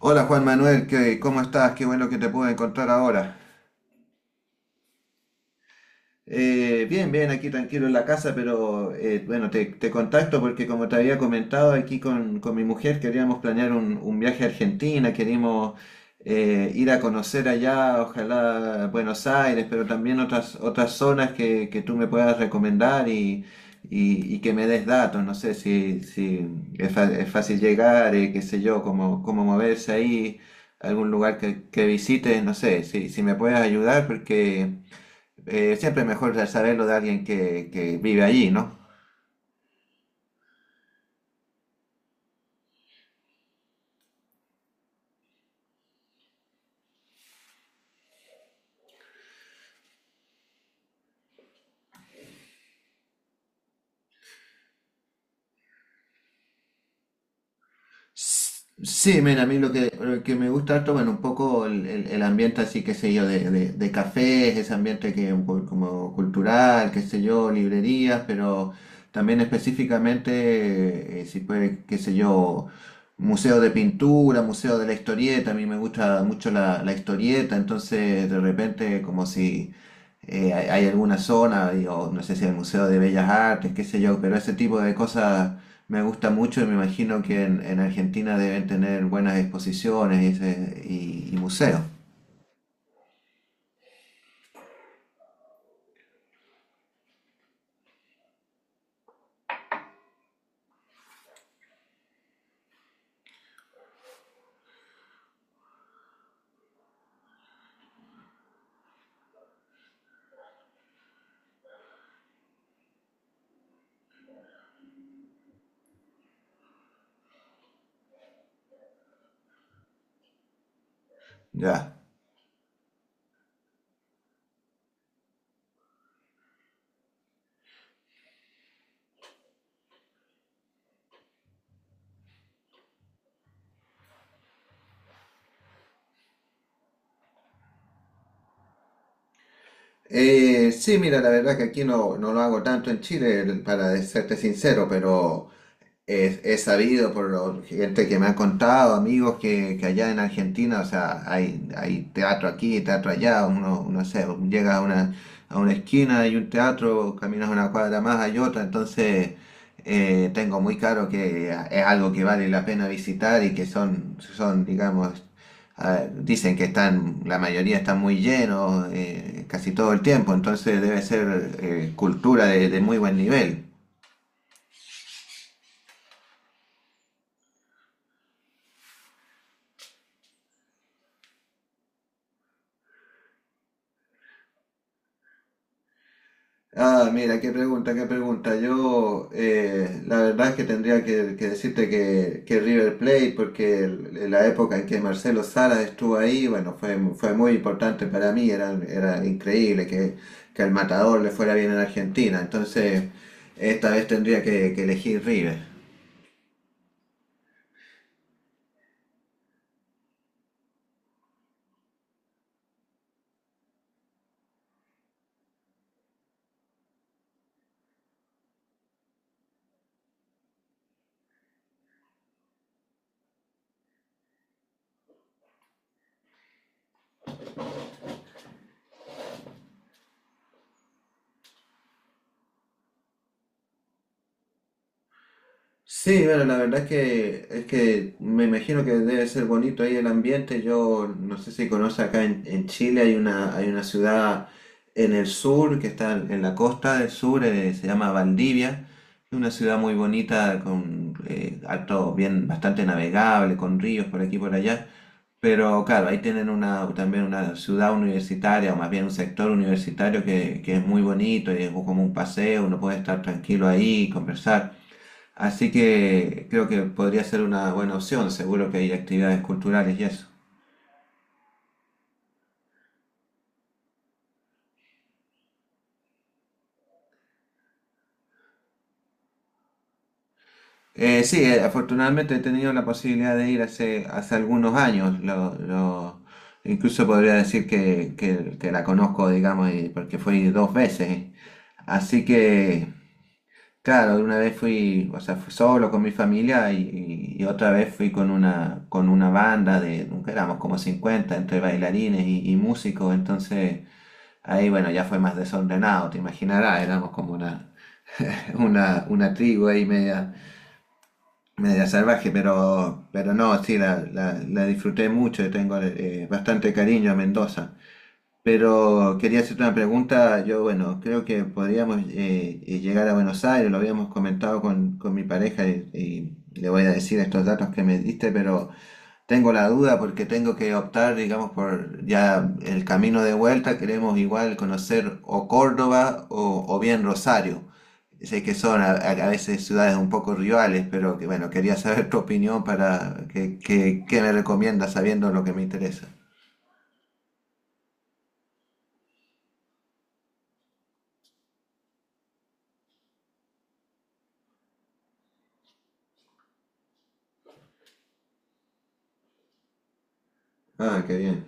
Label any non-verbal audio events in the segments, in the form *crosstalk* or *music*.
Hola Juan Manuel, ¿cómo estás? Qué bueno que te pude encontrar ahora. Bien, bien, aquí tranquilo en la casa, pero bueno, te contacto porque como te había comentado aquí con mi mujer, queríamos planear un viaje a Argentina, queríamos ir a conocer allá, ojalá Buenos Aires, pero también otras zonas que tú me puedas recomendar y que me des datos, no sé si es fácil llegar, qué sé yo, cómo moverse ahí, algún lugar que visites, no sé, si me puedes ayudar porque siempre mejor saberlo de alguien que vive allí, ¿no? Sí, mira, a mí lo que me gusta harto, bueno, un poco el ambiente así, qué sé yo, de cafés, ese ambiente que es un poco como cultural, qué sé yo, librerías, pero también específicamente, si puede, qué sé yo, museo de pintura, museo de la historieta, a mí me gusta mucho la historieta, entonces de repente como si hay alguna zona, digo, no sé si el Museo de Bellas Artes, qué sé yo, pero ese tipo de cosas me gusta mucho y me imagino que en Argentina deben tener buenas exposiciones y museos. Ya. Sí, mira, la verdad que aquí no lo hago tanto en Chile, para serte sincero, pero es sabido por gente que me ha contado, amigos que allá en Argentina, o sea, hay teatro aquí, teatro allá, uno sé, llega a a una esquina, hay un teatro, caminas una cuadra más, hay otra, entonces tengo muy claro que es algo que vale la pena visitar y que son digamos, ah, dicen que están, la mayoría están muy llenos casi todo el tiempo, entonces debe ser cultura de muy buen nivel. Ah, mira, qué pregunta, qué pregunta. Yo, la verdad es que tendría que decirte que River Plate, porque la época en que Marcelo Salas estuvo ahí, bueno, fue muy importante para mí. Era increíble que al Matador le fuera bien en Argentina. Entonces, esta vez tendría que elegir River. Sí, bueno, la verdad es que me imagino que debe ser bonito ahí el ambiente. Yo no sé si conoce acá en Chile, hay una ciudad en el sur que está en la costa del sur, se llama Valdivia. Es una ciudad muy bonita, con alto, bien, bastante navegable, con ríos por aquí y por allá. Pero claro, ahí tienen también una ciudad universitaria, o más bien un sector universitario que es muy bonito y es como un paseo, uno puede estar tranquilo ahí, conversar. Así que creo que podría ser una buena opción, seguro que hay actividades culturales y eso. Sí, afortunadamente he tenido la posibilidad de ir hace algunos años, incluso podría decir que la conozco, digamos, porque fui dos veces. Así que, claro, una vez fui, o sea, fui solo con mi familia y otra vez fui con con una banda de, nunca éramos como 50 entre bailarines y músicos, entonces... Ahí, bueno, ya fue más desordenado, te imaginarás, éramos como una, *laughs* una tribu ahí media salvaje, pero no, sí, la disfruté mucho y tengo bastante cariño a Mendoza. Pero quería hacerte una pregunta, yo, bueno, creo que podríamos llegar a Buenos Aires, lo habíamos comentado con mi pareja y le voy a decir estos datos que me diste, pero tengo la duda porque tengo que optar, digamos, por ya el camino de vuelta. Queremos igual conocer o Córdoba o bien Rosario. Sé que son a veces ciudades un poco rivales, pero que bueno, quería saber *laughs* tu opinión para qué me recomiendas sabiendo lo que me interesa. Ah, qué bien.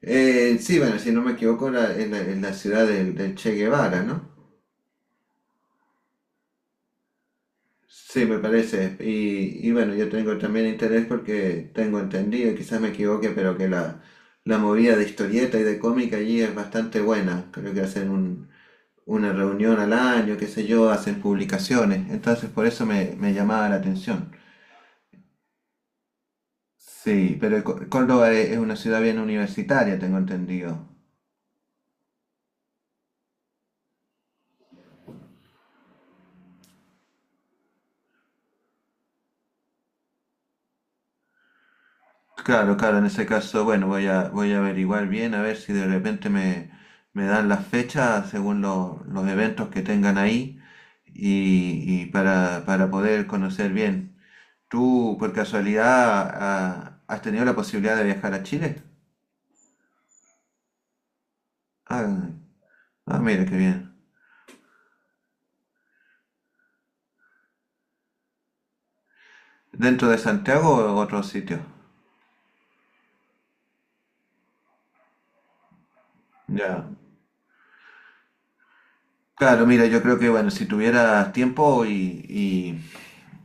Sí, bueno, si no me equivoco, en la ciudad del Che Guevara, ¿no? Sí, me parece. Y bueno, yo tengo también interés porque tengo entendido, quizás me equivoque, pero que la movida de historieta y de cómic allí es bastante buena. Creo que hacen una reunión al año, qué sé yo, hacen publicaciones. Entonces por eso me llamaba la atención. Sí, pero Córdoba es una ciudad bien universitaria, tengo entendido. Claro, claro, en ese caso, bueno, voy a averiguar bien a ver si de repente me dan las fechas según los eventos que tengan ahí y para poder conocer bien. ¿Tú por casualidad has tenido la posibilidad de viajar a Chile? Ah, ah, mira, qué bien. ¿Dentro de Santiago o otro sitio? Ya. Claro, mira, yo creo que bueno, si tuvieras tiempo y,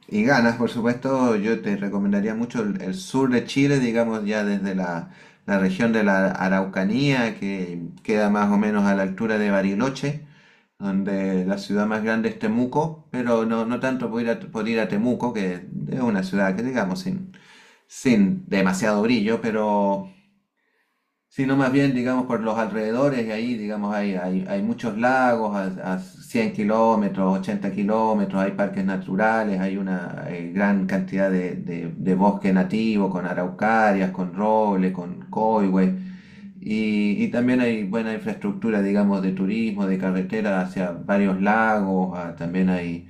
Y ganas, por supuesto, yo te recomendaría mucho el sur de Chile, digamos ya desde la región de la Araucanía, que queda más o menos a la altura de Bariloche, donde la ciudad más grande es Temuco, pero no, no tanto por ir a Temuco, que es una ciudad que digamos sin demasiado brillo, pero sino más bien, digamos, por los alrededores, y ahí, digamos, hay muchos lagos a 100 kilómetros, 80 kilómetros, hay parques naturales, hay una gran cantidad de bosque nativo con araucarias, con roble, con coigüe, y también hay buena infraestructura, digamos, de turismo, de carretera hacia varios lagos, también hay...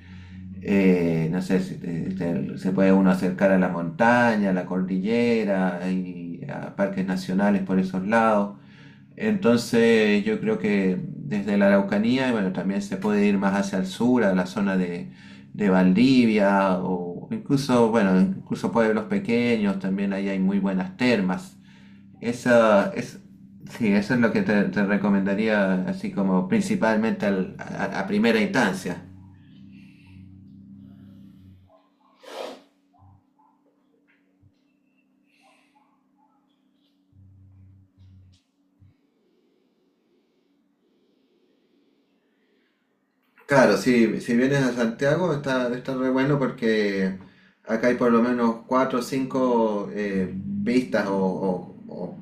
No sé, si se puede uno acercar a la montaña, a la cordillera, hay parques nacionales por esos lados. Entonces yo creo que desde la Araucanía, bueno, también se puede ir más hacia el sur, a la zona de Valdivia, o incluso, bueno, incluso pueblos pequeños, también ahí hay muy buenas termas. Esa es, sí, eso es lo que te recomendaría así como principalmente a primera instancia. Claro, si vienes a Santiago está re bueno porque acá hay por lo menos cuatro o cinco pistas o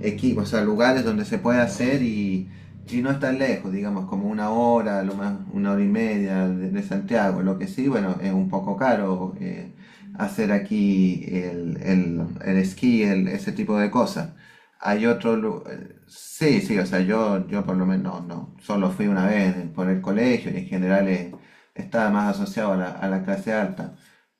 equipos, o sea, lugares donde se puede hacer y no es tan lejos, digamos, como una hora, lo más, una hora y media de Santiago. Lo que sí, bueno, es un poco caro hacer aquí el esquí, ese tipo de cosas. Hay otro lugar. Sí, sí, o sea, yo por lo menos no, solo fui una vez por el colegio y en general estaba más asociado a la clase alta.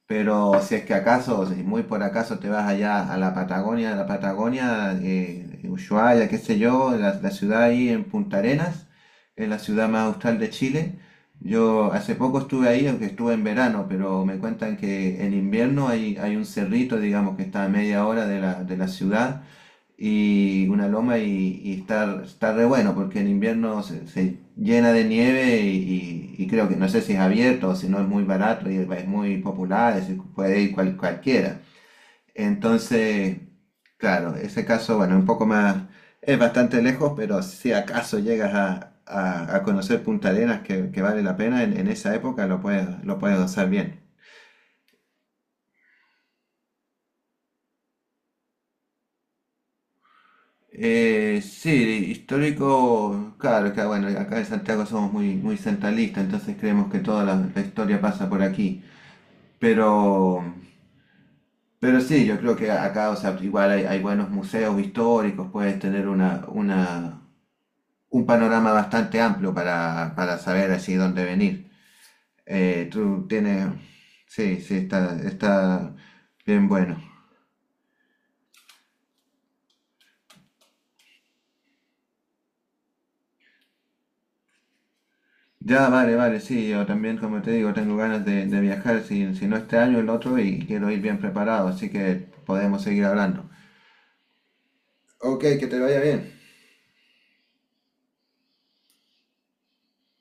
Pero si es que acaso, si muy por acaso te vas allá a la Patagonia, Ushuaia, qué sé yo, la ciudad ahí en Punta Arenas, es la ciudad más austral de Chile. Yo hace poco estuve ahí, aunque estuve en verano, pero me cuentan que en invierno hay un cerrito, digamos, que está a media hora de la ciudad y una loma y está re bueno porque en invierno se llena de nieve y creo que no sé si es abierto o si no es muy barato y es muy popular, es decir, puede ir cualquiera. Entonces, claro, ese caso, bueno, un poco más, es bastante lejos, pero si acaso llegas a conocer Punta Arenas que vale la pena, en esa época lo puedes gozar bien. Sí, histórico, claro, acá, bueno, acá en Santiago somos muy, muy centralistas, entonces creemos que toda la historia pasa por aquí. Pero, pero sí, yo creo que acá, o sea, igual hay buenos museos históricos, puedes tener un panorama bastante amplio para saber así dónde venir. Tú tienes, sí, sí, está bien bueno. Ya, vale, vale, sí, yo también, como te digo, tengo ganas de viajar, si no este año, el otro, y quiero ir bien preparado, así que podemos seguir hablando. Ok, que te vaya bien.